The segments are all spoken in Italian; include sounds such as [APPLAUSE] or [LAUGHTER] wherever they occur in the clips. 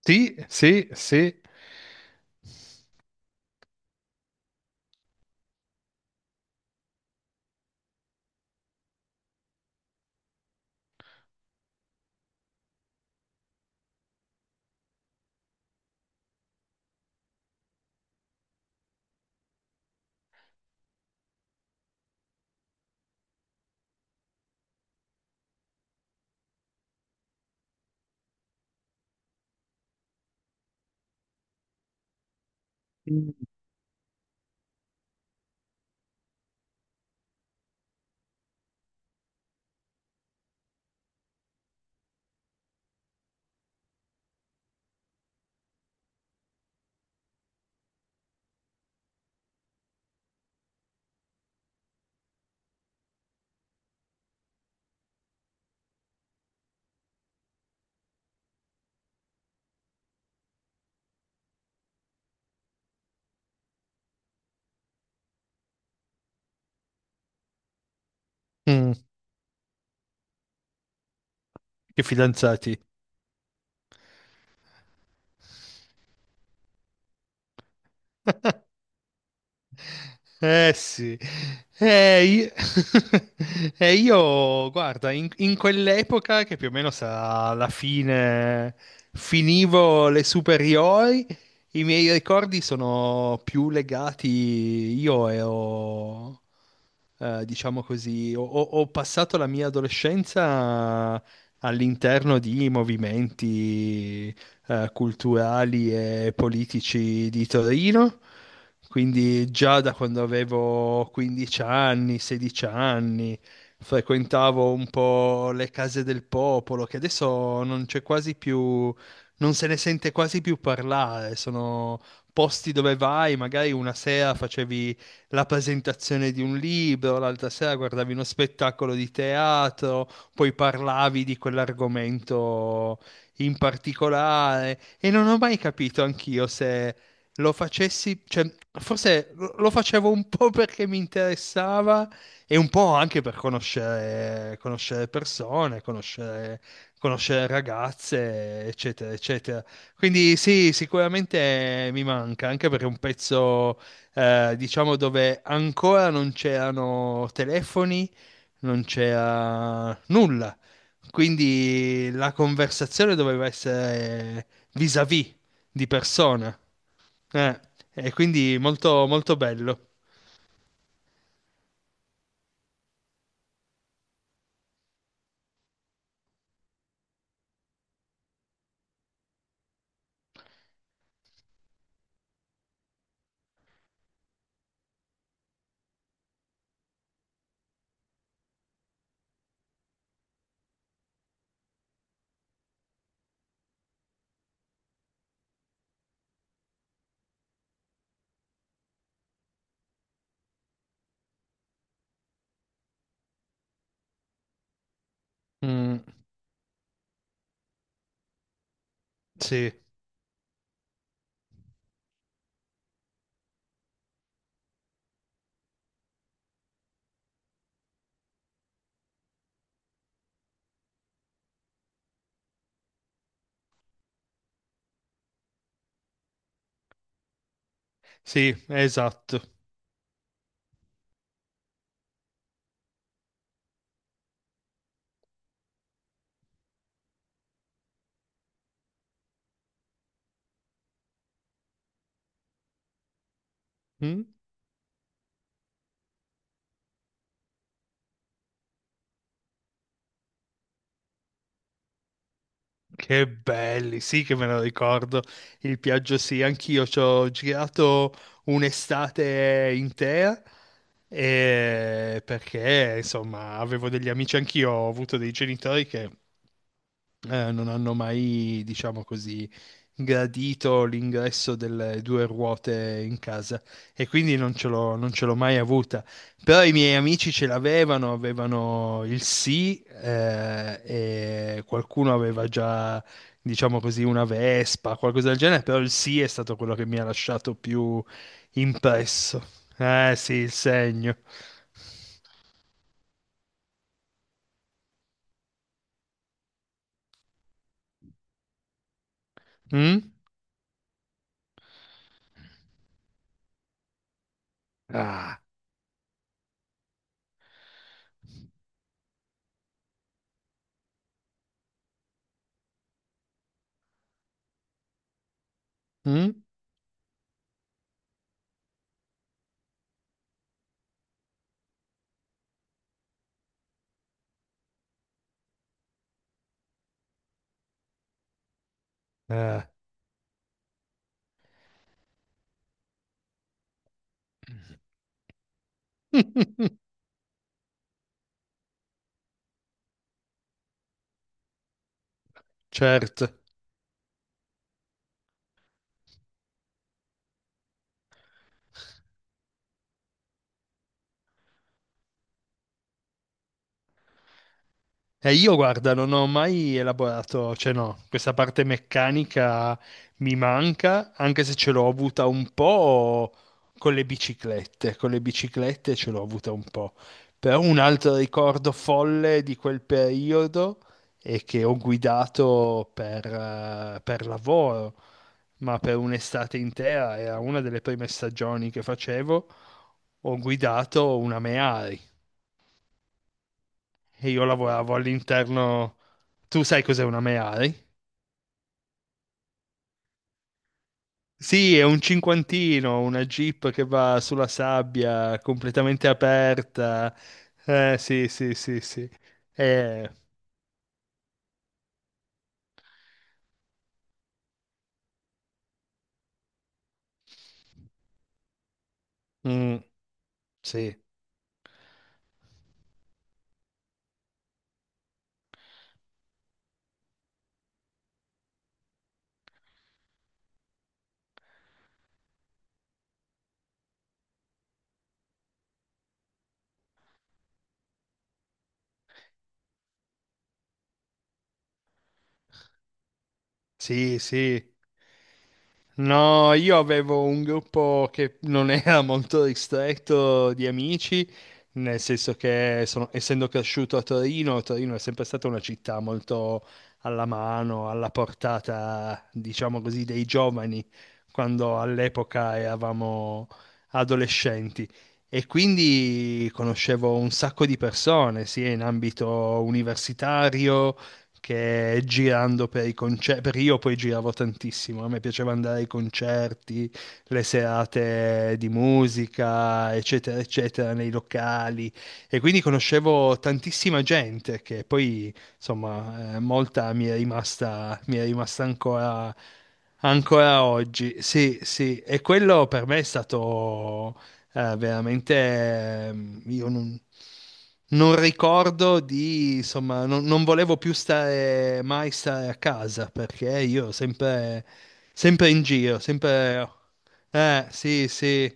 Sì, sì, sì. Mm, che fidanzati. [LAUGHS] Eh sì. Io... [LAUGHS] io, guarda, in quell'epoca che più o meno sarà la fine, finivo le superiori, i miei ricordi sono più legati, io ero diciamo così, ho passato la mia adolescenza all'interno di movimenti culturali e politici di Torino, quindi già da quando avevo 15 anni, 16 anni, frequentavo un po' le case del popolo, che adesso non c'è quasi più, non se ne sente quasi più parlare, sono posti dove vai, magari una sera facevi la presentazione di un libro, l'altra sera guardavi uno spettacolo di teatro, poi parlavi di quell'argomento in particolare e non ho mai capito anch'io se lo facessi, cioè forse lo facevo un po' perché mi interessava e un po' anche per conoscere, conoscere persone, conoscere, conoscere ragazze, eccetera, eccetera. Quindi sì, sicuramente mi manca, anche perché è un pezzo diciamo dove ancora non c'erano telefoni, non c'era nulla. Quindi la conversazione doveva essere vis-à-vis di persona. Eh, e quindi molto, molto bello. Mm, sì, sì, esatto. Mm. Che belli, sì che me lo ricordo, il Piaggio sì, anch'io ci ho girato un'estate intera perché insomma avevo degli amici, anch'io ho avuto dei genitori che non hanno mai, diciamo così, gradito l'ingresso delle due ruote in casa e quindi non ce l'ho mai avuta. Però i miei amici ce l'avevano, avevano il sì, e qualcuno aveva già, diciamo così, una Vespa, qualcosa del genere, però il sì è stato quello che mi ha lasciato più impresso. Eh sì, il segno. Mm? Ah. Mm? Eh. [LAUGHS] Certo. Io guarda, non ho mai elaborato, cioè no, questa parte meccanica mi manca, anche se ce l'ho avuta un po' con le biciclette ce l'ho avuta un po'. Però un altro ricordo folle di quel periodo è che ho guidato per lavoro, ma per un'estate intera, era una delle prime stagioni che facevo, ho guidato una Mehari e io lavoravo all'interno. Tu sai cos'è una Meari? Sì, è un cinquantino, una Jeep che va sulla sabbia completamente aperta. Sì, sì, sì, sì. Eh, mm, sì, sì, sì. No, io avevo un gruppo che non era [LAUGHS] molto ristretto di amici, nel senso che essendo cresciuto a Torino, Torino è sempre stata una città molto alla mano, alla portata, diciamo così, dei giovani, quando all'epoca eravamo adolescenti. E quindi conoscevo un sacco di persone, sia in ambito universitario, che girando per i concerti, per io poi giravo tantissimo, a me piaceva andare ai concerti, le serate di musica, eccetera, eccetera, nei locali e quindi conoscevo tantissima gente che poi, insomma, molta mi è rimasta ancora, ancora oggi. Sì, sì, e quello per me è stato veramente io non, non ricordo di, insomma, non volevo più stare mai stare a casa perché io sempre, sempre in giro, sempre... sì, sì,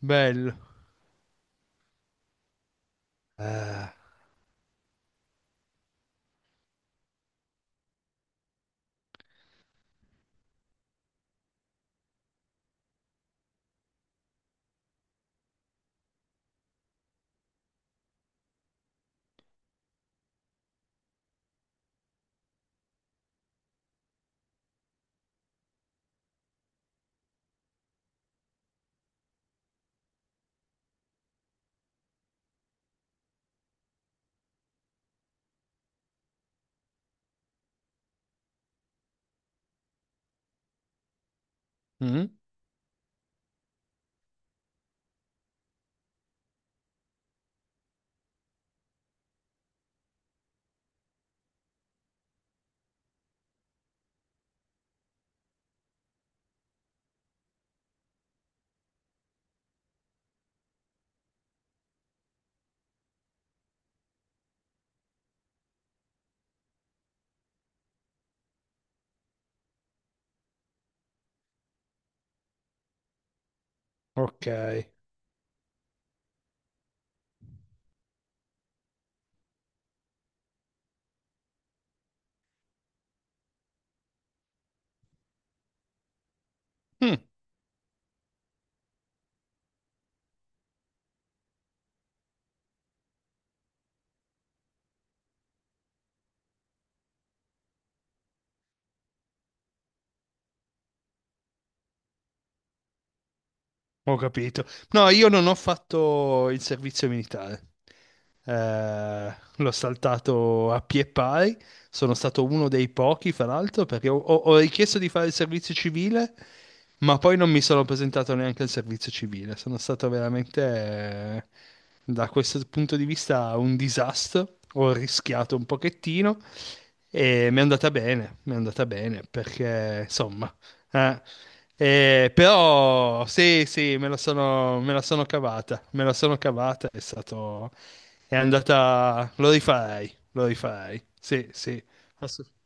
bello. Eh, mm, ok, Mm, ho capito. No, io non ho fatto il servizio militare. L'ho saltato a pie pari, sono stato uno dei pochi, fra l'altro, perché ho richiesto di fare il servizio civile, ma poi non mi sono presentato neanche al servizio civile. Sono stato veramente, da questo punto di vista, un disastro. Ho rischiato un pochettino e mi è andata bene, mi è andata bene, perché insomma... eh, però sì, sì, me la sono cavata, me la sono cavata, è stato, è andata... Lo rifarei, lo rifarei. Sì, sì, ass-